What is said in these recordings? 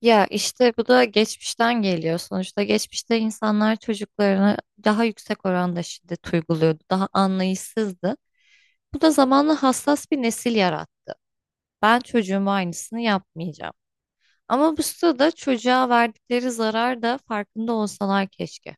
Ya işte bu da geçmişten geliyor. Sonuçta geçmişte insanlar çocuklarına daha yüksek oranda şiddet uyguluyordu. Daha anlayışsızdı. Bu da zamanla hassas bir nesil yarattı. Ben çocuğuma aynısını yapmayacağım. Ama bu sırada çocuğa verdikleri zarar da farkında olsalar keşke.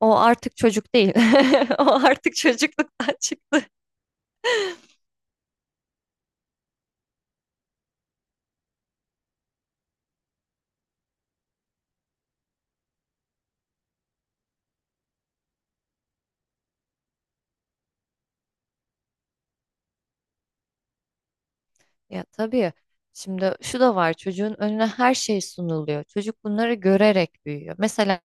O artık çocuk değil. O artık çocukluktan çıktı. Ya tabii. Şimdi şu da var, çocuğun önüne her şey sunuluyor. Çocuk bunları görerek büyüyor. Mesela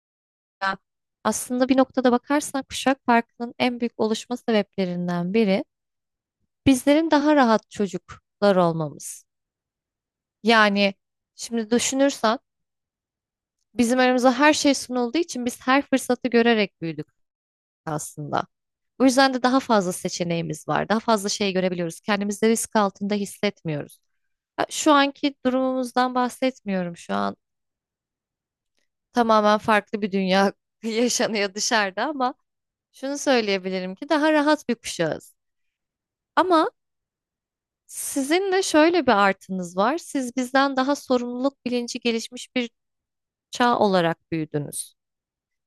aslında bir noktada bakarsan, kuşak farkının en büyük oluşma sebeplerinden biri bizlerin daha rahat çocuklar olmamız. Yani şimdi düşünürsen, bizim aramıza her şey sunulduğu için biz her fırsatı görerek büyüdük aslında. O yüzden de daha fazla seçeneğimiz var. Daha fazla şey görebiliyoruz. Kendimizi risk altında hissetmiyoruz. Ha, şu anki durumumuzdan bahsetmiyorum. Şu an tamamen farklı bir dünya yaşanıyor dışarıda, ama şunu söyleyebilirim ki daha rahat bir kuşağız. Ama sizin de şöyle bir artınız var. Siz bizden daha sorumluluk bilinci gelişmiş bir çağ olarak büyüdünüz.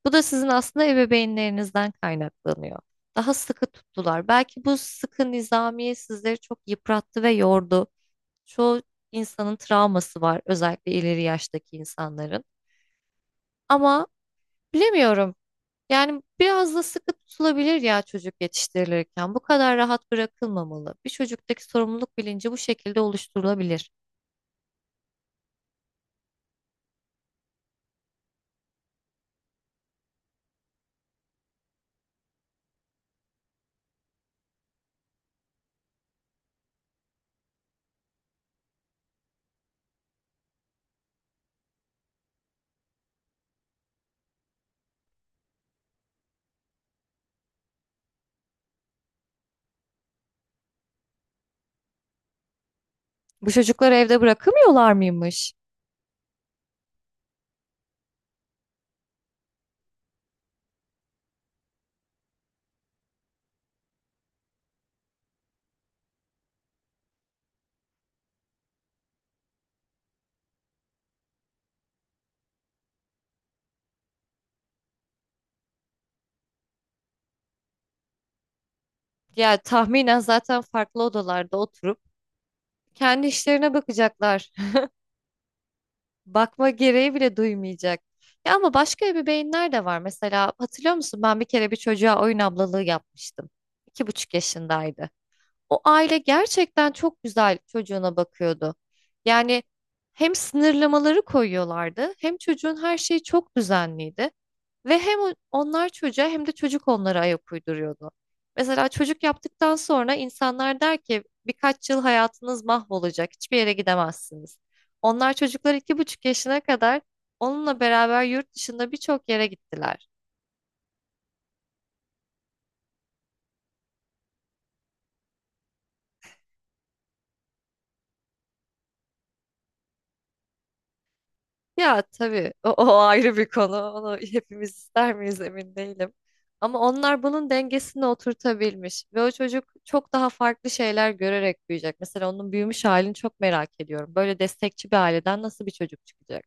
Bu da sizin aslında ebeveynlerinizden kaynaklanıyor. Daha sıkı tuttular. Belki bu sıkı nizamiye sizleri çok yıprattı ve yordu. Çoğu insanın travması var, özellikle ileri yaştaki insanların. Ama bilemiyorum. Yani biraz da sıkı tutulabilir ya çocuk yetiştirilirken. Bu kadar rahat bırakılmamalı. Bir çocuktaki sorumluluk bilinci bu şekilde oluşturulabilir. Bu çocukları evde bırakamıyorlar mıymış? Ya tahminen zaten farklı odalarda oturup kendi işlerine bakacaklar. Bakma gereği bile duymayacak. Ya ama başka ebeveynler de var. Mesela hatırlıyor musun, ben bir kere bir çocuğa oyun ablalığı yapmıştım. İki buçuk yaşındaydı. O aile gerçekten çok güzel çocuğuna bakıyordu. Yani hem sınırlamaları koyuyorlardı, hem çocuğun her şeyi çok düzenliydi. Ve hem onlar çocuğa hem de çocuk onlara ayak uyduruyordu. Mesela çocuk yaptıktan sonra insanlar der ki birkaç yıl hayatınız mahvolacak, hiçbir yere gidemezsiniz. Onlar çocuklar iki buçuk yaşına kadar onunla beraber yurt dışında birçok yere gittiler. Ya tabii o ayrı bir konu. Onu hepimiz ister miyiz emin değilim. Ama onlar bunun dengesini oturtabilmiş ve o çocuk çok daha farklı şeyler görerek büyüyecek. Mesela onun büyümüş halini çok merak ediyorum. Böyle destekçi bir aileden nasıl bir çocuk çıkacak?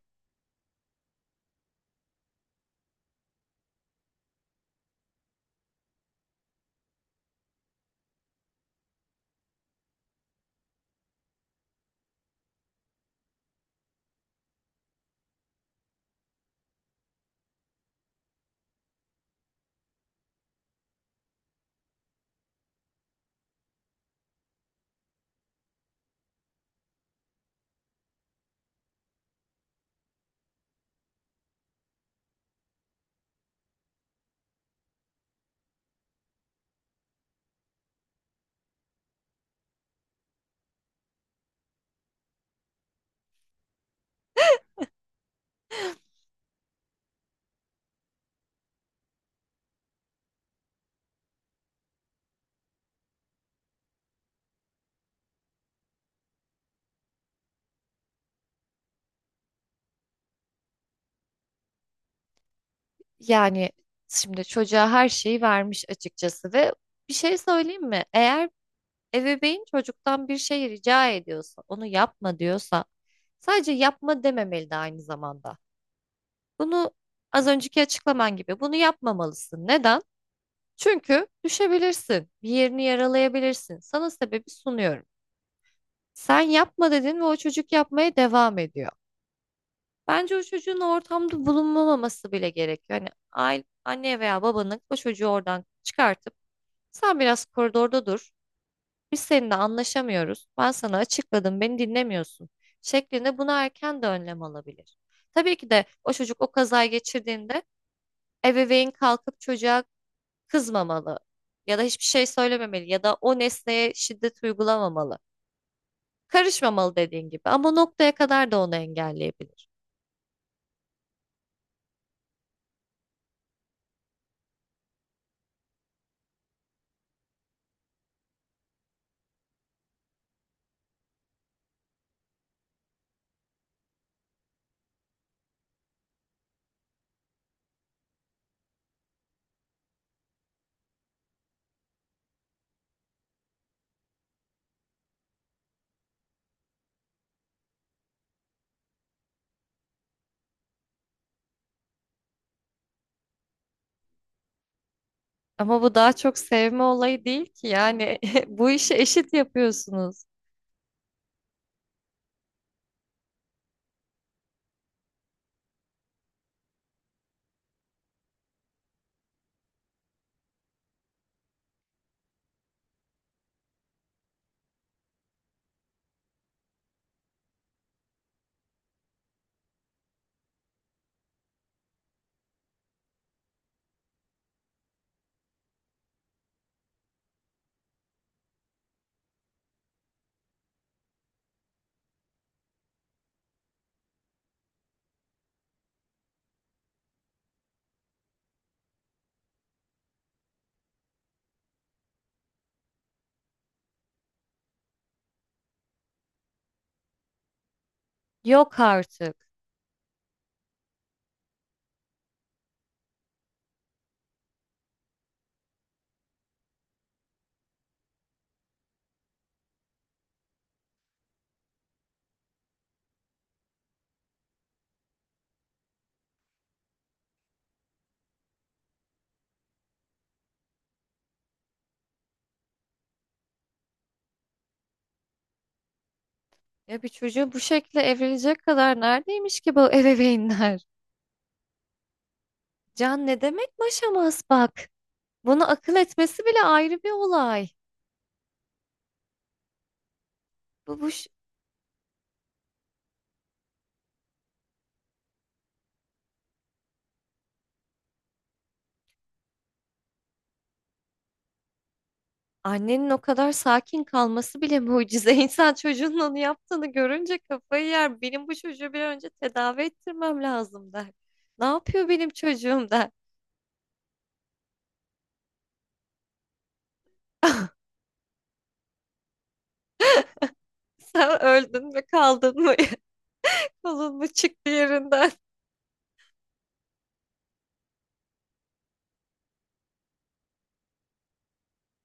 Yani şimdi çocuğa her şeyi vermiş açıkçası ve bir şey söyleyeyim mi? Eğer ebeveyn çocuktan bir şey rica ediyorsa, onu yapma diyorsa, sadece yapma dememeli de aynı zamanda. Bunu, az önceki açıklaman gibi, bunu yapmamalısın. Neden? Çünkü düşebilirsin. Bir yerini yaralayabilirsin. Sana sebebi sunuyorum. Sen yapma dedin ve o çocuk yapmaya devam ediyor. Bence o çocuğun ortamda bulunmaması bile gerekiyor. Hani aile, anne veya babanın o çocuğu oradan çıkartıp sen biraz koridorda dur. Biz seninle anlaşamıyoruz. Ben sana açıkladım, beni dinlemiyorsun şeklinde buna erken de önlem alabilir. Tabii ki de o çocuk o kazayı geçirdiğinde ebeveyn kalkıp çocuğa kızmamalı ya da hiçbir şey söylememeli ya da o nesneye şiddet uygulamamalı. Karışmamalı dediğin gibi ama noktaya kadar da onu engelleyebilir. Ama bu daha çok sevme olayı değil ki yani bu işi eşit yapıyorsunuz. Yok artık. Ya bir çocuğu bu şekilde evlenecek kadar neredeymiş ki bu ebeveynler? Can ne demek maşamaz bak. Bunu akıl etmesi bile ayrı bir olay. Bu, bu, ş- Annenin o kadar sakin kalması bile mucize. İnsan çocuğunun onu yaptığını görünce kafayı yer. Benim bu çocuğu bir an önce tedavi ettirmem lazım der. Ne yapıyor benim çocuğum der. Sen öldün mü kaldın mı? Kolun mu çıktı yerinden?